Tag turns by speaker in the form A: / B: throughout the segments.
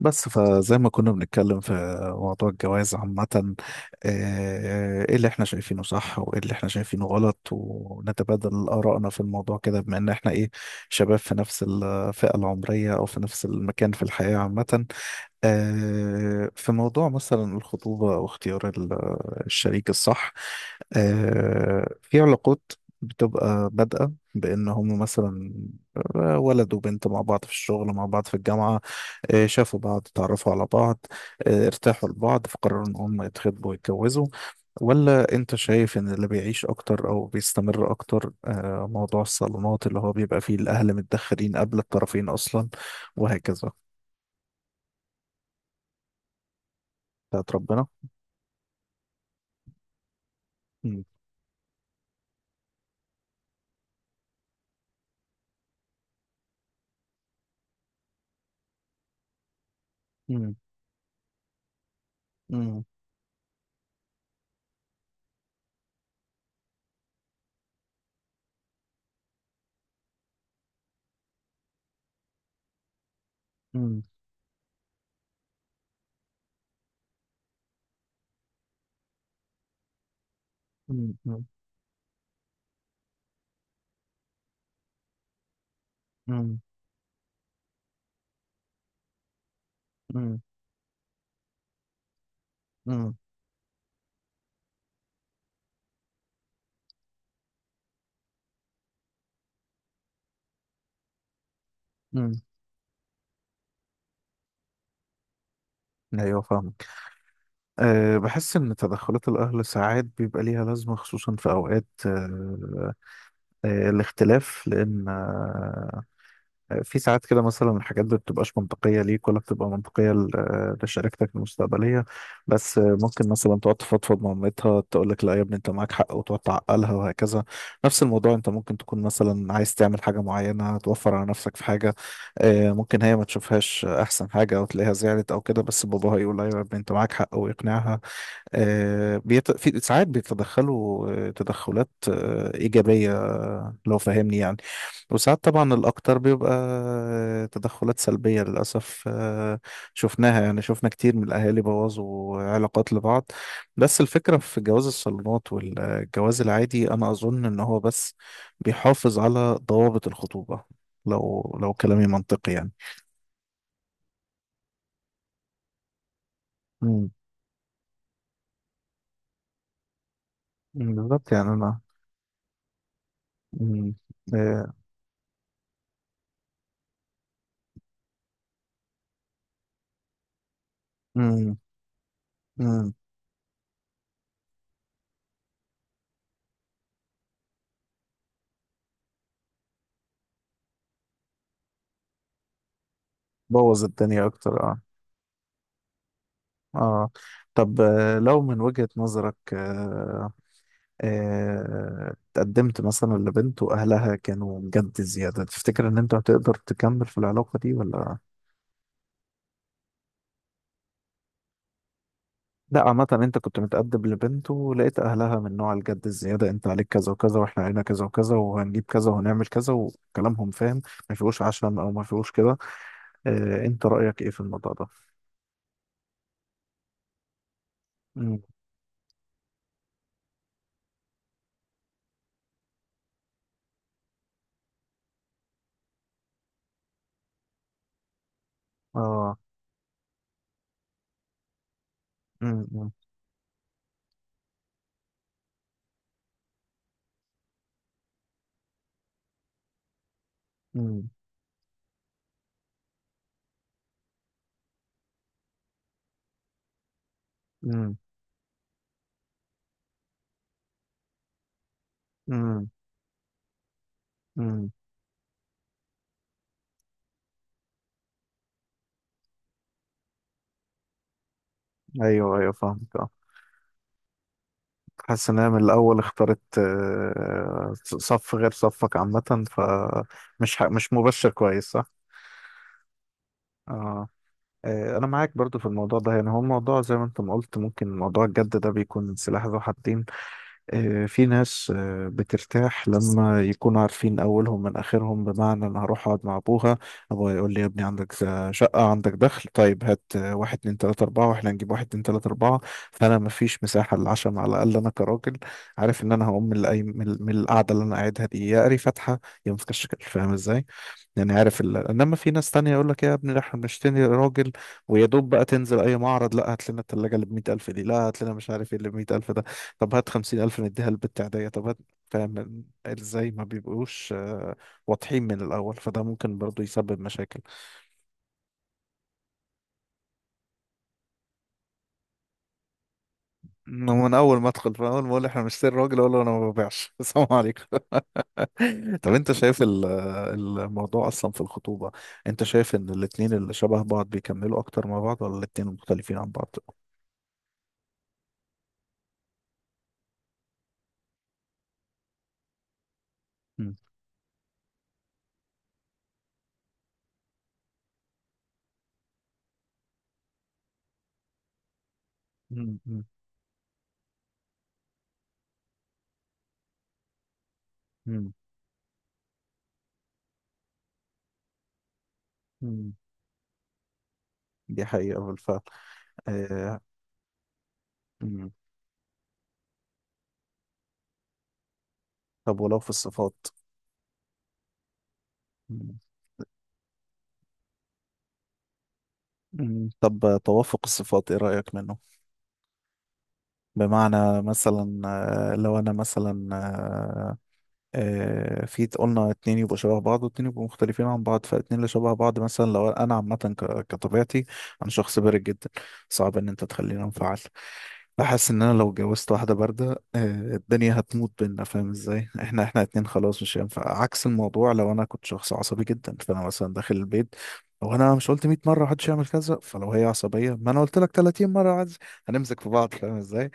A: بس فزي ما كنا بنتكلم في موضوع الجواز عامة. ايه اللي احنا شايفينه صح وايه اللي احنا شايفينه غلط، ونتبادل آرائنا في الموضوع كده، بما ان احنا ايه، شباب في نفس الفئة العمرية او في نفس المكان في الحياة عامة. في موضوع مثلا الخطوبة واختيار الشريك الصح. في علاقات بتبقى بادئة بإن هم مثلا ولد وبنت مع بعض في الشغل، مع بعض في الجامعة، شافوا بعض، اتعرفوا على بعض، ارتاحوا لبعض، فقرروا إن هم يتخطبوا ويتجوزوا. ولا أنت شايف إن اللي بيعيش أكتر أو بيستمر أكتر موضوع الصالونات، اللي هو بيبقى فيه الأهل متدخلين قبل الطرفين أصلا وهكذا؟ بتاعت ربنا. مم. مم. مم. مم. مم. مم. مم. مم. مم. ايوه، فاهمك. أه، بحس ان تدخلات الاهل ساعات بيبقى ليها لازمه، خصوصا في اوقات أه الاختلاف، لان في ساعات كده مثلا الحاجات ما بتبقاش منطقية ليك، ولا بتبقى منطقية لشركتك المستقبلية، بس ممكن مثلا تقعد تفضفض مع مامتها، تقول لك لا يا ابني انت معاك حق، وتقعد تعقلها وهكذا. نفس الموضوع، انت ممكن تكون مثلا عايز تعمل حاجة معينة، توفر على نفسك في حاجة، ممكن هي ما تشوفهاش احسن حاجة او تلاقيها زعلت او كده، بس باباها يقول ايوه يا ابني انت معاك حق ويقنعها. في ساعات بيتدخلوا تدخلات إيجابية، لو فاهمني يعني. وساعات طبعا الأكتر بيبقى تدخلات سلبية للأسف. شفناها يعني، شفنا كتير من الأهالي بوظوا علاقات لبعض. بس الفكرة في جواز الصالونات والجواز العادي، أنا أظن إن هو بس بيحافظ على ضوابط الخطوبة. لو كلامي منطقي يعني. مم. مم، بالظبط يعني. أنا مم. آه، مم. مم. بوظ الدنيا اكتر، اه. اه. طب لو من وجهة نظرك آه آه، اتقدمت مثلا لبنت واهلها كانوا جد زيادة، تفتكر ان انت هتقدر تكمل في العلاقة دي ولا؟ لا، عامة، انت كنت متقدم لبنت ولقيت اهلها من نوع الجد الزيادة، انت عليك كذا وكذا واحنا علينا كذا وكذا وهنجيب كذا وهنعمل كذا، وكلامهم فاهم، ما فيهوش عشم او ما فيهوش كده. انت رأيك ايه في الموضوع ده؟ مم. اه. مم. مم. مم. مم. مم. ايوه، ايوه فاهمك. اه، حاسس ان هي من الاول اختارت صف غير صفك عامه، فمش مش مبشر كويس، صح؟ اه. انا معاك برضو في الموضوع ده، يعني هو الموضوع زي ما انت ما قلت، ممكن موضوع الجد ده بيكون سلاح ذو حدين. في ناس بترتاح لما يكونوا عارفين أولهم من آخرهم، بمعنى أنا هروح أقعد مع أبوها، أبوها يقول لي يا ابني، عندك شقة عندك دخل طيب، هات واحد اتنين تلاتة أربعة، وإحنا هنجيب واحد اتنين تلاتة أربعة. فأنا مفيش مساحة للعشم، على الأقل أنا كراجل عارف إن أنا هقوم من من القعدة اللي أنا قاعدها دي، يا قاري فاتحة يا ماسكة الشكل. فاهم إزاي؟ يعني عارف انما في ناس تانية يقول لك ايه يا ابني، ده احنا بنشتري راجل، ويا دوب بقى تنزل اي معرض، لا هات لنا التلاجة اللي ب 100,000 دي، لا هات لنا مش عارف ايه اللي ب 100,000 ده، طب هات 50,000 نديها للبت عادية، طب هات. فاهم ازاي ما بيبقوش واضحين من الاول، فده ممكن برضو يسبب مشاكل. إنه من اول ما ادخل، فاهم، اول ما اقول احنا بنشتري راجل، اقول له انا ما ببيعش. السلام عليكم. طب انت شايف الموضوع اصلا في الخطوبة، انت شايف ان الاتنين اللي شبه بعض بيكملوا اكتر مع بعض، ولا الاتنين مختلفين عن بعض؟ مم، مم، مم، مم. دي حقيقة بالفعل. آه. مم. طب ولو في الصفات، مم. مم. طب توافق الصفات ايه رأيك منه؟ بمعنى مثلا لو انا مثلا في قلنا اتنين يبقوا شبه بعض واتنين يبقوا مختلفين عن بعض، فاتنين اللي شبه بعض مثلا لو انا عامة كطبيعتي، انا شخص بارد جدا، صعب ان انت تخليني انفعل. بحس ان انا لو اتجوزت واحده بارده الدنيا هتموت بينا. فاهم ازاي؟ احنا اتنين خلاص، مش هينفع. عكس الموضوع، لو انا كنت شخص عصبي جدا، فانا مثلا داخل البيت لو انا مش قلت 100 مره محدش يعمل كذا، فلو هي عصبيه، ما انا قلت لك 30 مره، عز هنمسك في بعض. فاهم ازاي؟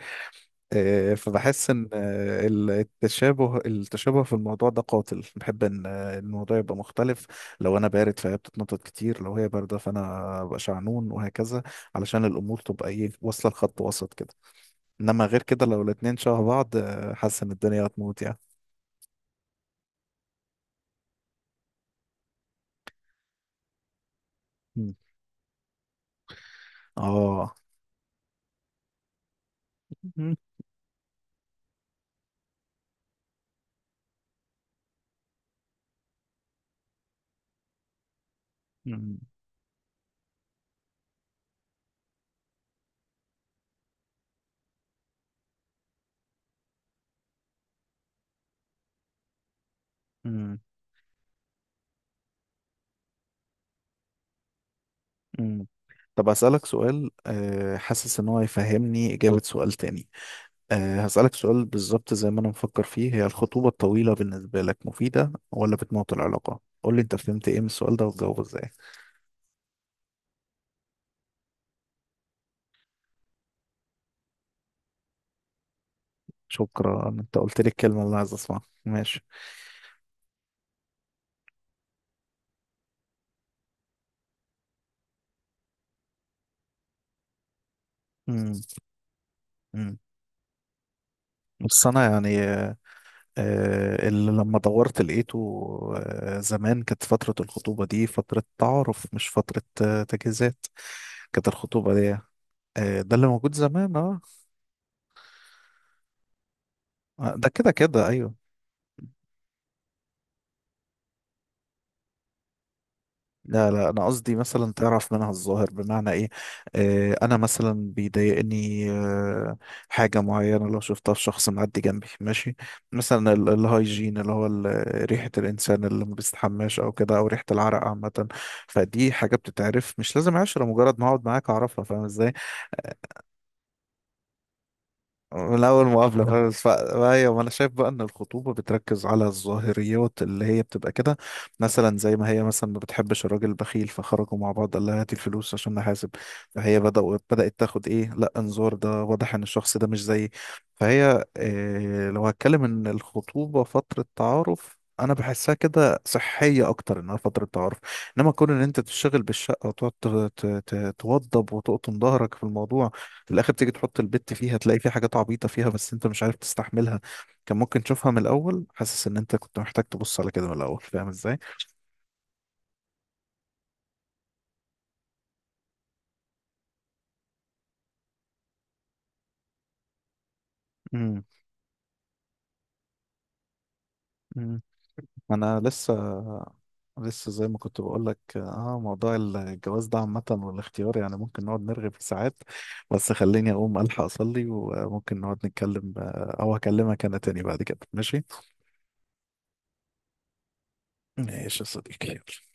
A: فبحس ان التشابه، في الموضوع ده قاتل. بحب ان الموضوع يبقى مختلف، لو انا بارد فهي بتتنطط كتير، لو هي بارده فانا ابقى شعنون وهكذا، علشان الامور تبقى ايه، واصله لخط وسط كده. انما غير كده لو الاتنين شبه بعض، حاسس ان الدنيا هتموت يعني. مم. اه. مم. مم. مم. مم. طب هسألك سؤال، حاسس ان هو يفهمني إجابة سؤال تاني. هسألك سؤال بالظبط زي ما انا مفكر فيه، هي الخطوبة الطويلة بالنسبة لك مفيدة، ولا بتموت العلاقة؟ قول لي انت فهمت ايه من السؤال ده وتجاوبه ازاي. شكرا، انت قلت لي الكلمة اللي انا عايز اسمعها. ماشي. مم. مم. بس انا يعني اللي لما دورت لقيته، زمان كانت فترة الخطوبة دي فترة تعارف، مش فترة تجهيزات، كانت الخطوبة دي ده اللي موجود زمان، اه. ده كده كده، ايوه. لا لا، انا قصدي مثلا تعرف منها الظاهر. بمعنى ايه؟ آه انا مثلا بيضايقني آه، حاجه معينه لو شفتها في شخص معدي جنبي، ماشي؟ مثلا الهايجين، اللي هو ريحه الانسان اللي ما بيستحماش او كده، او ريحه العرق عامه. فدي حاجه بتتعرف، مش لازم عشره، مجرد ما اقعد معاك اعرفها. فاهم ازاي؟ من اول مقابله خالص. ايوه، ما انا شايف بقى ان الخطوبه بتركز على الظاهريات، اللي هي بتبقى كده. مثلا زي ما هي مثلا ما بتحبش الراجل البخيل، فخرجوا مع بعض قال لها هاتي الفلوس عشان نحاسب، فهي بدأت تاخد ايه، لا انظار ده، واضح ان الشخص ده مش زيي. فهي إيه، لو هتكلم ان الخطوبه فتره تعارف، انا بحسها كده صحيه اكتر، انها فتره تعارف. انما كون ان انت تشتغل بالشقه، وتقعد توضب وتقطن ظهرك في الموضوع، في الاخر تيجي تحط البت فيها تلاقي في حاجات عبيطه فيها بس انت مش عارف تستحملها، كان ممكن تشوفها من الاول. حاسس ان انت كنت محتاج تبص على كده من الاول. فاهم ازاي؟ امم أمم. انا لسه زي ما كنت بقول لك، اه موضوع الجواز ده عامه والاختيار، يعني ممكن نقعد نرغي فيه ساعات. بس خليني اقوم الحق اصلي، وممكن نقعد نتكلم او اكلمك انا تاني بعد كده، ماشي؟ ماشي يا صديقي، يلا.